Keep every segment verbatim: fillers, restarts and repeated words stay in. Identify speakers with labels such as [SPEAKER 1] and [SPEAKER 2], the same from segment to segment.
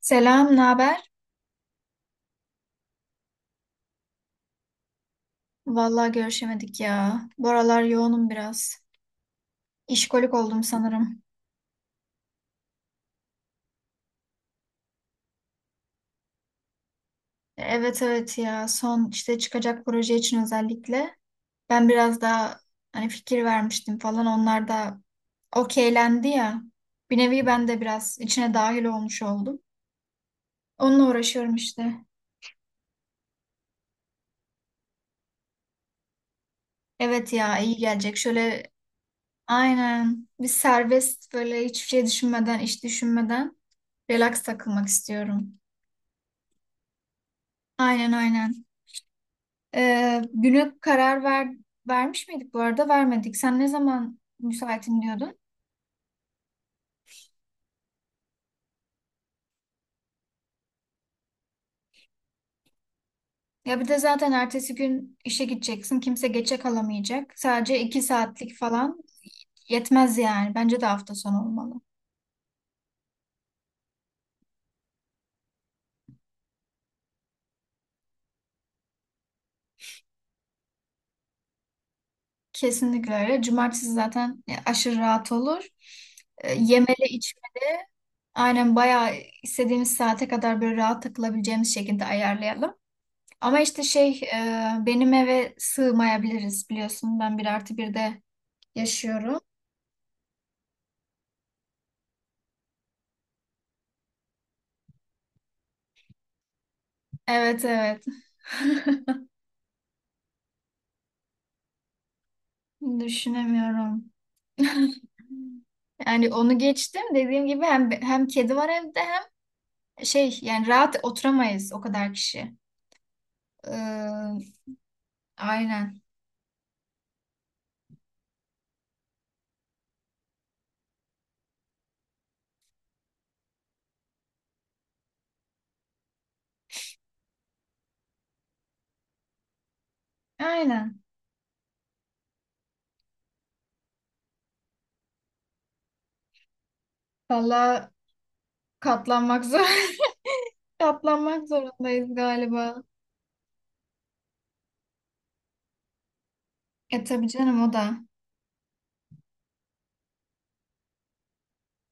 [SPEAKER 1] Selam, ne haber? Vallahi görüşemedik ya. Bu aralar yoğunum biraz. İşkolik oldum sanırım. Evet evet ya. Son işte çıkacak proje için özellikle. Ben biraz daha hani fikir vermiştim falan. Onlar da okeylendi ya. Bir nevi ben de biraz içine dahil olmuş oldum. Onunla uğraşıyorum işte. Evet ya iyi gelecek. Şöyle aynen bir serbest böyle hiçbir şey düşünmeden, iş düşünmeden relax takılmak istiyorum. Aynen aynen. Ee, güne karar ver, vermiş miydik bu arada? Vermedik. Sen ne zaman müsaitim diyordun? Ya bir de zaten ertesi gün işe gideceksin. Kimse geçe kalamayacak. Sadece iki saatlik falan yetmez yani. Bence de hafta sonu olmalı. Kesinlikle öyle. Cumartesi zaten aşırı rahat olur. Ee, yemeli içme. Aynen bayağı istediğimiz saate kadar böyle rahat takılabileceğimiz şekilde ayarlayalım. Ama işte şey e, benim eve sığmayabiliriz biliyorsun. Ben bir artı bir de yaşıyorum. Evet evet. Düşünemiyorum. Yani onu geçtim. Dediğim gibi hem hem kedi var evde hem şey yani rahat oturamayız o kadar kişi. Ee, aynen. Aynen. Valla katlanmak zor. Katlanmak zorundayız galiba. E tabii canım o da.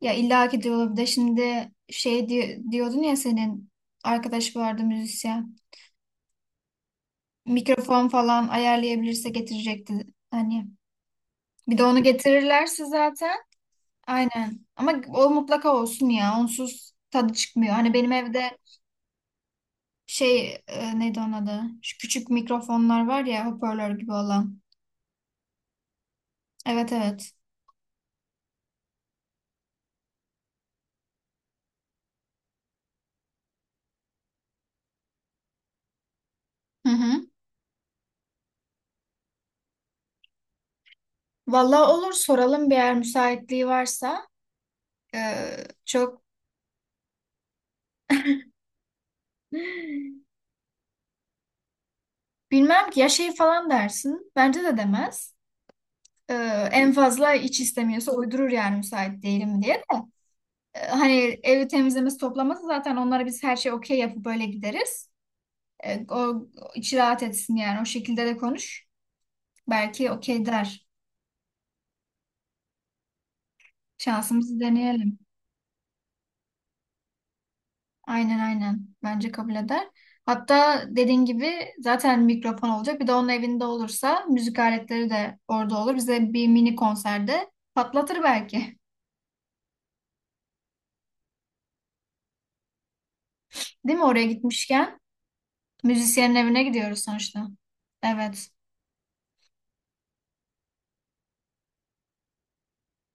[SPEAKER 1] Ya illa ki diyor bir de şimdi şey di- diyordun ya senin arkadaş vardı müzisyen. Mikrofon falan ayarlayabilirse getirecekti. Hani bir de onu getirirlerse zaten aynen. Ama o mutlaka olsun ya. Onsuz tadı çıkmıyor. Hani benim evde şey e, neydi onun adı? Şu küçük mikrofonlar var ya hoparlör gibi olan. Evet evet. Hı hı. Vallahi olur soralım bir yer müsaitliği varsa. E, çok bilmem ki ya şey falan dersin. Bence de demez. E, en fazla iç istemiyorsa uydurur yani müsait değilim diye de. E, hani evi temizlemesi toplaması zaten onlara biz her şey okey yapıp böyle gideriz. E, o, içi rahat etsin yani. O şekilde de konuş. Belki okey der. Şansımızı deneyelim. Aynen aynen. Bence kabul eder. Hatta dediğin gibi zaten mikrofon olacak. Bir de onun evinde olursa müzik aletleri de orada olur. Bize bir mini konserde patlatır belki. Değil mi oraya gitmişken? Müzisyenin evine gidiyoruz sonuçta. Evet.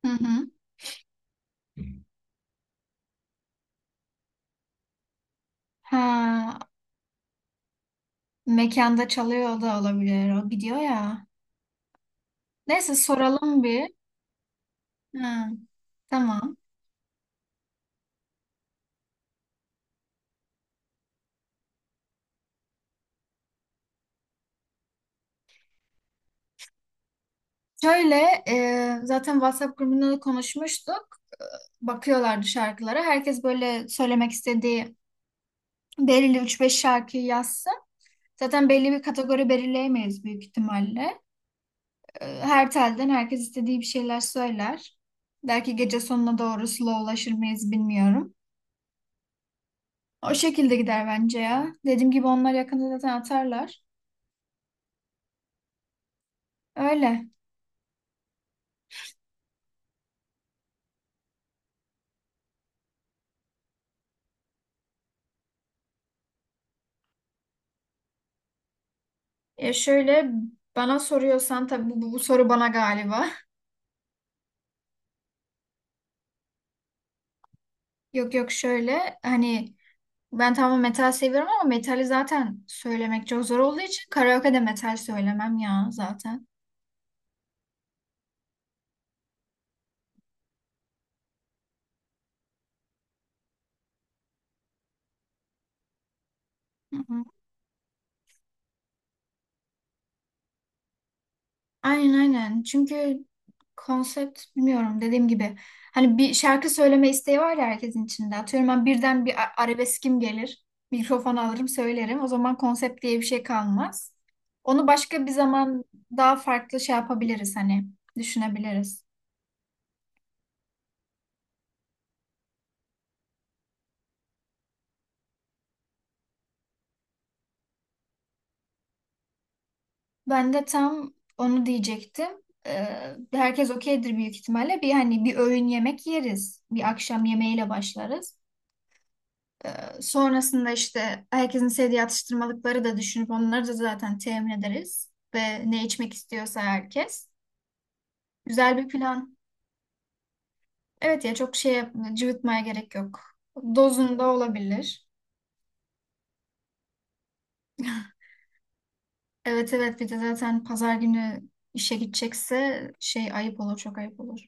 [SPEAKER 1] Hı hı. Ha, mekanda çalıyor da olabilir. O gidiyor ya. Neyse soralım bir. Hı, tamam. Şöyle e, zaten WhatsApp grubunda da konuşmuştuk. Bakıyorlardı şarkılara. Herkes böyle söylemek istediği belirli üç beş şarkıyı yazsın. Zaten belli bir kategori belirleyemeyiz büyük ihtimalle. E, her telden herkes istediği bir şeyler söyler. Belki gece sonuna doğru slowlaşır mıyız bilmiyorum. O şekilde gider bence ya. Dediğim gibi onlar yakında zaten atarlar. Öyle. E, şöyle bana soruyorsan tabii bu, bu bu soru bana galiba. Yok yok şöyle hani ben tamam metal seviyorum ama metali zaten söylemek çok zor olduğu için karaoke'de metal söylemem ya zaten. Hı hı. Aynen aynen. Çünkü konsept bilmiyorum dediğim gibi. Hani bir şarkı söyleme isteği var ya herkesin içinde. Atıyorum ben birden bir a- arabeskim gelir. Mikrofon alırım söylerim. O zaman konsept diye bir şey kalmaz. Onu başka bir zaman daha farklı şey yapabiliriz hani düşünebiliriz. Ben de tam onu diyecektim. Ee, herkes okeydir büyük ihtimalle. Bir hani bir öğün yemek yeriz. Bir akşam yemeğiyle başlarız. Ee, sonrasında işte herkesin sevdiği atıştırmalıkları da düşünüp onları da zaten temin ederiz. Ve ne içmek istiyorsa herkes. Güzel bir plan. Evet ya çok şey yap- cıvıtmaya gerek yok. Dozunda olabilir. Evet evet bir de zaten pazar günü işe gidecekse şey ayıp olur çok ayıp olur.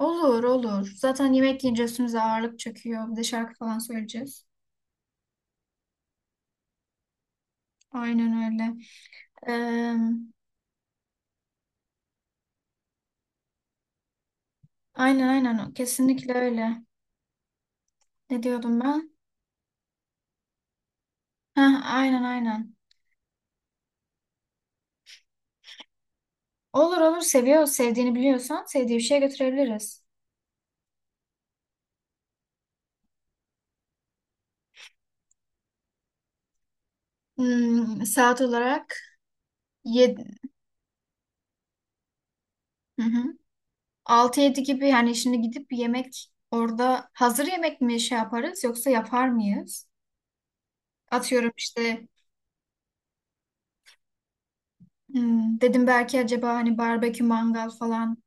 [SPEAKER 1] Olur olur. Zaten yemek yiyince üstümüze ağırlık çöküyor. Bir de şarkı falan söyleyeceğiz. Aynen öyle. Eee, aynen aynen. Kesinlikle öyle. Ne diyordum ben? Heh, aynen aynen. Olur olur. Seviyor. Sevdiğini biliyorsan sevdiği bir şeye götürebiliriz. Hmm, saat olarak yedi, altı yedi gibi yani şimdi gidip bir yemek orada hazır yemek mi şey yaparız yoksa yapar mıyız? Atıyorum işte hmm, dedim belki acaba hani barbekü mangal falan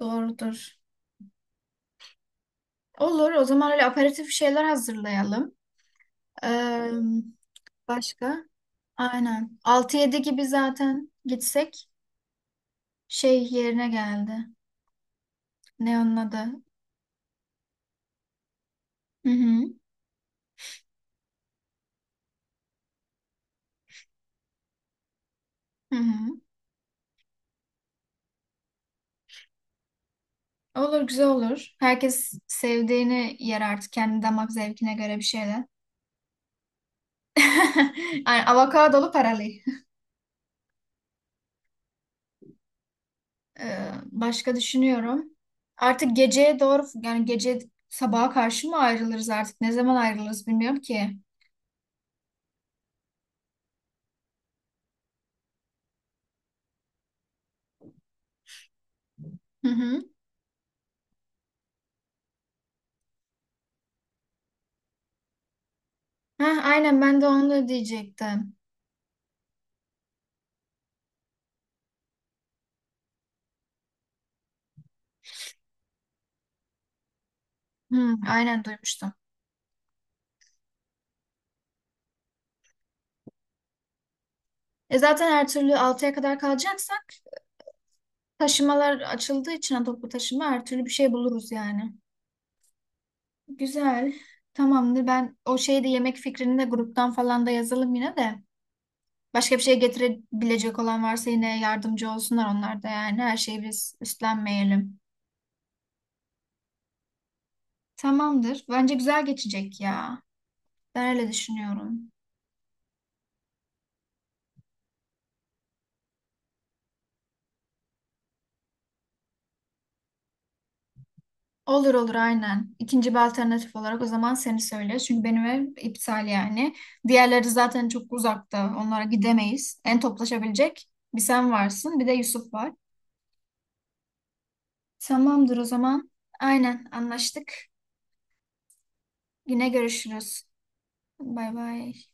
[SPEAKER 1] doğrudur. Olur. O zaman öyle aperatif şeyler hazırlayalım. Ee, başka? Aynen. Altı yedi gibi zaten gitsek şey yerine geldi. Ne onun adı? Hı hı. Hı hı. Olur güzel olur. Herkes sevdiğini yer artık. Kendi damak zevkine göre bir şeyler. Yani avokadolu paralı. Ee, başka düşünüyorum. Artık geceye doğru yani gece sabaha karşı mı ayrılırız artık? Ne zaman ayrılırız bilmiyorum ki. Hı hı. Heh, aynen ben de onu diyecektim. Hı, aynen duymuştum. E zaten her türlü altıya kadar kalacaksak taşımalar açıldığı için ha, toplu taşıma her türlü bir şey buluruz yani. Güzel. Tamamdır. Ben o şeyi de yemek fikrini de gruptan falan da yazalım yine de. Başka bir şey getirebilecek olan varsa yine yardımcı olsunlar onlar da yani. Her şeyi biz üstlenmeyelim. Tamamdır. Bence güzel geçecek ya. Ben öyle düşünüyorum. Olur olur aynen. İkinci bir alternatif olarak o zaman seni söyle. Çünkü benim ev iptal yani. Diğerleri zaten çok uzakta. Onlara gidemeyiz. En toplaşabilecek bir sen varsın, bir de Yusuf var. Tamamdır o zaman. Aynen anlaştık. Yine görüşürüz. Bay bay.